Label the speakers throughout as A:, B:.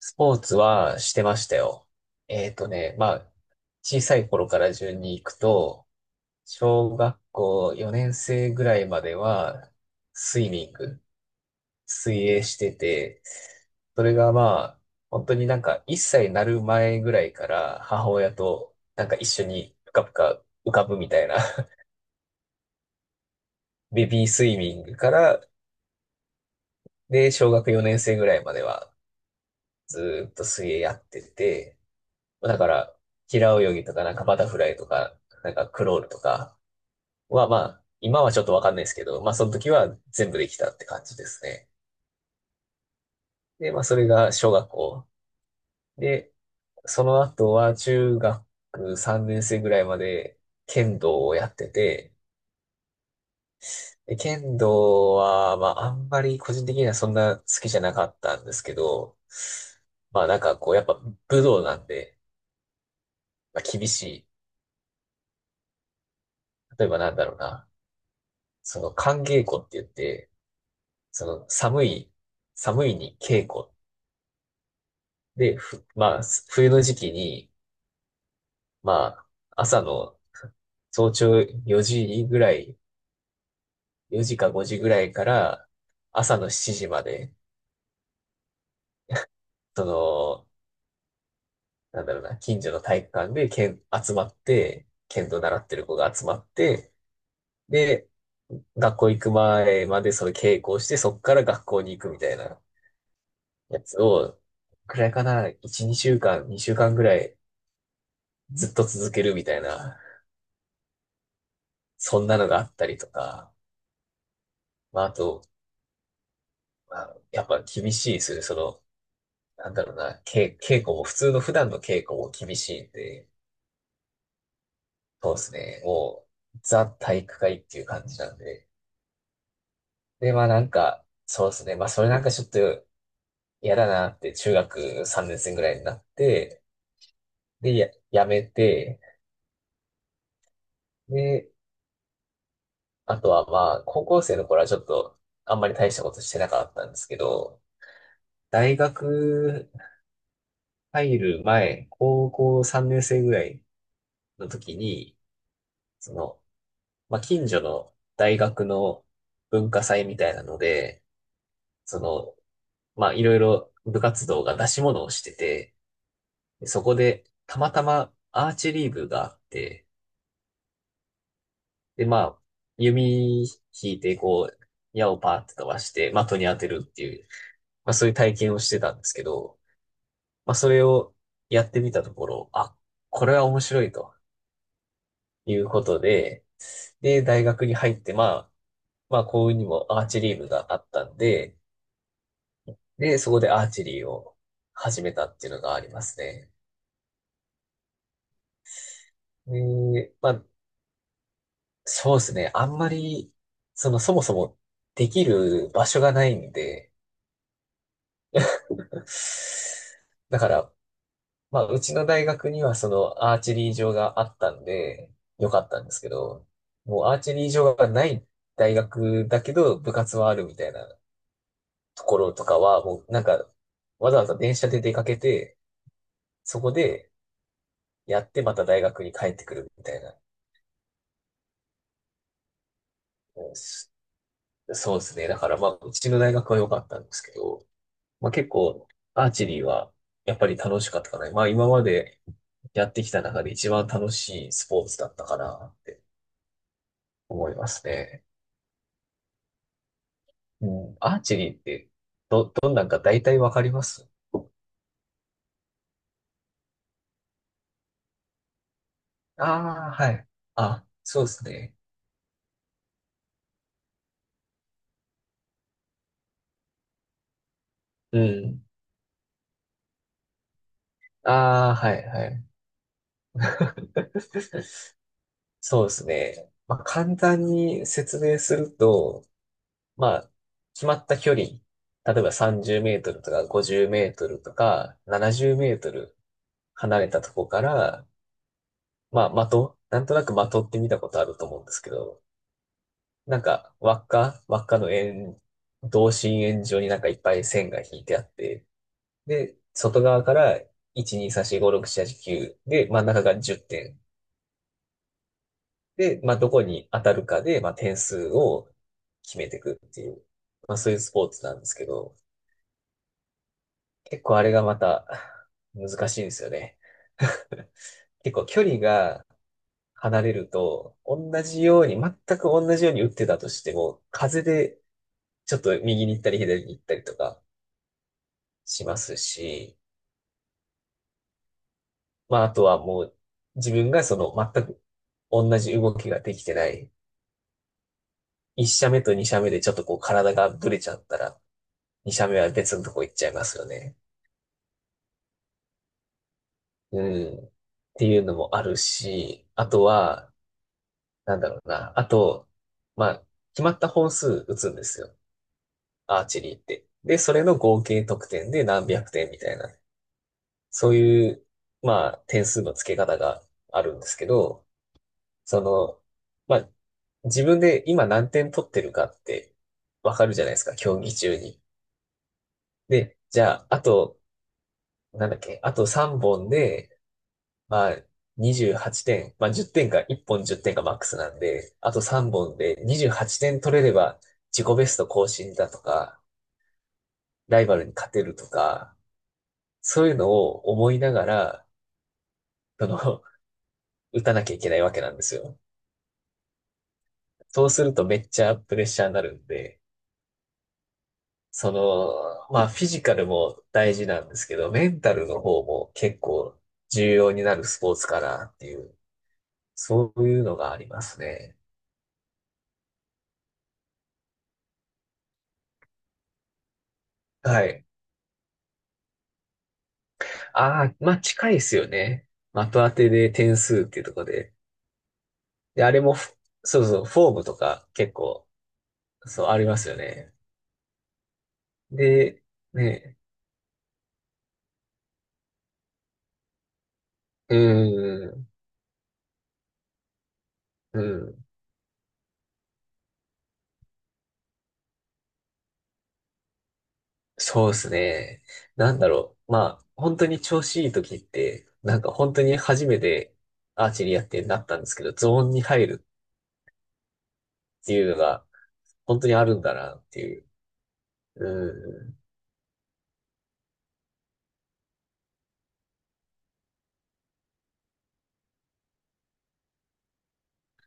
A: スポーツはしてましたよ。えっとね、まあ、小さい頃から順に行くと、小学校4年生ぐらいまでは、スイミング、水泳してて、それがまあ、本当になんか1歳になる前ぐらいから母親となんか一緒にぷかぷか浮かぶみたいな ベビースイミングから、で、小学4年生ぐらいまではずーっと水泳やってて、だから、平泳ぎとか、なんかバタフライとか、なんかクロールとかは、まあ、今はちょっとわかんないですけど、まあ、その時は全部できたって感じですね。で、まあ、それが小学校。で、その後は中学3年生ぐらいまで剣道をやってて、で剣道は、まあ、あんまり個人的にはそんな好きじゃなかったんですけど、まあ、なんかこう、やっぱ武道なんで、まあ、厳しい。例えばなんだろうな。その、寒稽古って言って、その寒い、寒いに稽古で、まあ、冬の時期に、まあ、朝の早朝4時ぐらい、4時か5時ぐらいから朝の7時まで、その、なんだろうな、近所の体育館で剣集まって、剣道習ってる子が集まって、で、学校行く前までその稽古をして、そっから学校に行くみたいなやつを、くらいかな、1、2週間、2週間ぐらいずっと続けるみたいなそんなのがあったりとか、まあ、あと、まあ、やっぱ厳しいですよね。その、なんだろうな、稽古も、普通の普段の稽古も厳しいんで、そうですね。もう、ザ体育会っていう感じなんで。で、まあなんか、そうですね。まあそれなんかちょっと嫌だなって、中学3年生ぐらいになって、で、やめて、で、あとはまあ、高校生の頃はちょっと、あんまり大したことしてなかったんですけど、大学入る前、高校3年生ぐらい、の時に、その、まあ、近所の大学の文化祭みたいなので、その、まあ、いろいろ部活動が出し物をしてて、でそこでたまたまアーチェリー部があって、で、まあ、弓引いて、こう、矢をパーって飛ばして、的に当てるっていう、まあ、そういう体験をしてたんですけど、まあ、それをやってみたところ、あ、これは面白いということで、で、大学に入って、まあ、まあ、幸運にもアーチェリー部があったんで、で、そこでアーチェリーを始めたっていうのがありますね。で、まあ、そうですね。あんまり、その、そもそもできる場所がないんで、だから、まあ、うちの大学にはそのアーチェリー場があったんで、よかったんですけど、もうアーチェリー場がない大学だけど、部活はあるみたいなところとかは、もうなんか、わざわざ電車で出かけて、そこで、やってまた大学に帰ってくるみたいな。うんすそうですね。だからまあ、うちの大学は良かったんですけど、まあ結構、アーチェリーはやっぱり楽しかったかな。まあ今までやってきた中で一番楽しいスポーツだったかなって思いますね。うん。アーチェリーってどんなんか大体わかります？ああー、はい。あ、そうですね。うん。ああ、はい、はい。そうですね。まあ簡単に説明すると、まあ、決まった距離、例えば30メートルとか50メートルとか70メートル離れたとこから、まあ、的、なんとなく的って見たことあると思うんですけど、なんか、輪っか、輪っかの円、同心円状になんかいっぱい線が引いてあって、で、外側から1、2、3、4、5、6、7、8、9で、真ん中が10点。で、まあ、どこに当たるかで、まあ、点数を決めていくっていう、まあ、そういうスポーツなんですけど、結構あれがまた難しいんですよね。結構距離が離れると、同じように、全く同じように打ってたとしても、風でちょっと右に行ったり左に行ったりとかしますし、まああとはもう自分がその全く同じ動きができてない、一射目と二射目でちょっとこう体がぶれちゃったら、二射目は別のとこ行っちゃいますよね。うん。っていうのもあるし、あとは、なんだろうな。あと、まあ、決まった本数打つんですよ。アーチェリーって。で、それの合計得点で何百点みたいな。そういう、まあ、点数の付け方があるんですけど、その、まあ、自分で今何点取ってるかってわかるじゃないですか、競技中に。で、じゃあ、あと、なんだっけ、あと3本で、まあ、28点、まあ10点か、1本10点かマックスなんで、あと3本で28点取れれば自己ベスト更新だとか、ライバルに勝てるとか、そういうのを思いながら、その、打たなきゃいけないわけなんですよ。そうするとめっちゃプレッシャーになるんで、その、まあフィジカルも大事なんですけど、メンタルの方も結構重要になるスポーツかなっていう、そういうのがありますね。はい。ああ、まあ近いですよね。的当てで点数っていうところで。で、あれもフ、そうそう、フォームとか結構、そう、ありますよね。で、ね、うーん、うん、そうですね。なんだろう。まあ、本当に調子いい時って、なんか本当に初めてアーチェリーやってなったんですけど、ゾーンに入るっていうのが、本当にあるんだなっていう。うん、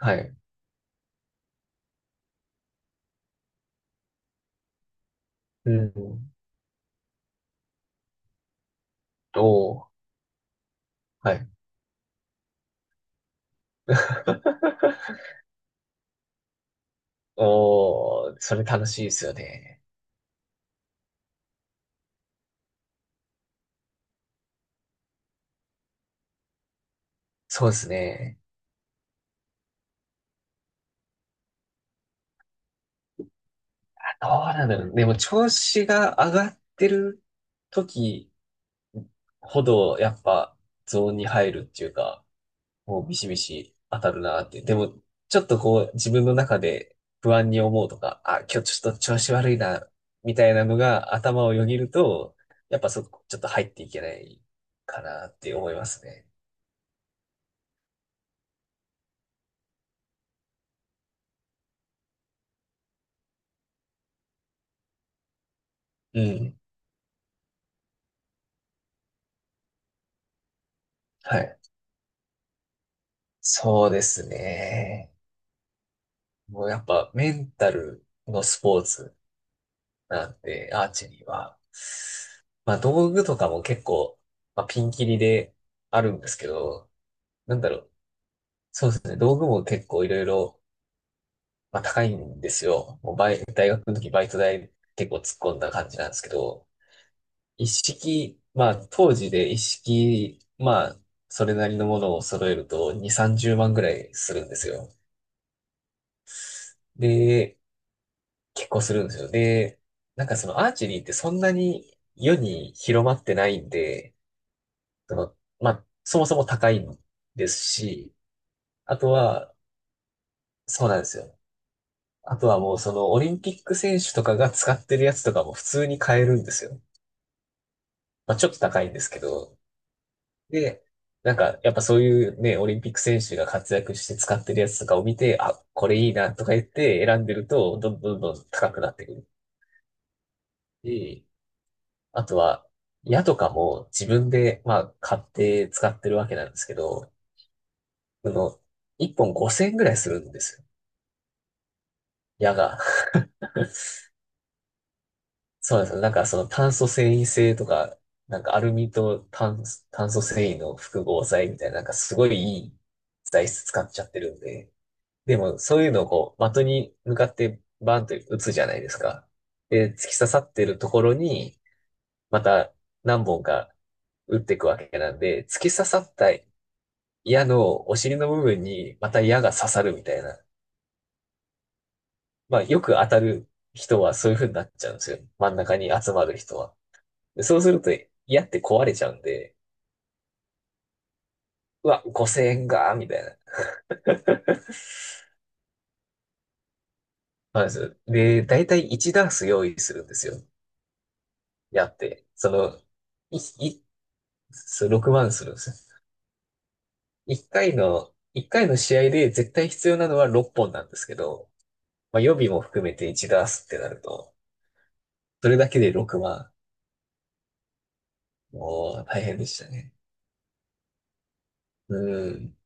A: はい。うん、おー、はい。おー、それ楽しいですよね。そうですね。どうなんだろう。でも調子が上がってる時ほど、やっぱゾーンに入るっていうか、もうビシビシ当たるなって。でも、ちょっとこう自分の中で不安に思うとか、あ、今日ちょっと調子悪いな、みたいなのが頭をよぎると、やっぱそこちょっと入っていけないかなって思いますね。うん。はい。そうですね。もうやっぱメンタルのスポーツなんで、アーチェリーは。まあ道具とかも結構、まあ、ピンキリであるんですけど、なんだろう。そうですね。道具も結構いろいろ、まあ、高いんですよ。もう大学の時バイト代結構突っ込んだ感じなんですけど、まあ当時で一式、まあそれなりのものを揃えると2、30万ぐらいするんですよ。で、結構するんですよ。で、なんかそのアーチェリーってそんなに世に広まってないんで、その、まあ、そもそも高いんですし、あとは、そうなんですよ。あとはもうそのオリンピック選手とかが使ってるやつとかも普通に買えるんですよ。まあ、ちょっと高いんですけど。で、なんかやっぱそういうね、オリンピック選手が活躍して使ってるやつとかを見て、あ、これいいなとか言って選んでると、どんどんどんどん高くなってくるし。あとは、矢とかも自分で、まあ、買って使ってるわけなんですけど、その、1本5000円ぐらいするんですよ。矢が。そうなんですよ。なんかその炭素繊維性とか、なんかアルミと炭素繊維の複合材みたいな、なんかすごいいい材質使っちゃってるんで。でもそういうのをこう、的に向かってバンと打つじゃないですか。で、突き刺さってるところに、また何本か打っていくわけなんで、突き刺さった矢のお尻の部分にまた矢が刺さるみたいな。まあ、よく当たる人はそういう風になっちゃうんですよ。真ん中に集まる人は。でそうすると矢って壊れちゃうんで、うわ、5000円が、みたいな。まず、で、だいたい1ダース用意するんですよ。矢って。その、い、い、そう6万するんですよ。1回の、一回の試合で絶対必要なのは6本なんですけど、まあ、予備も含めて1ダースってなると、それだけで6万。もう大変でしたね。うん。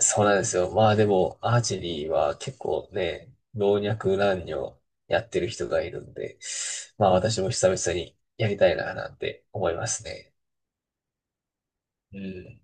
A: そうなんですよ。まあでも、アーチェリーは結構ね、老若男女やってる人がいるんで、まあ私も久々にやりたいななんて思いますね。うん。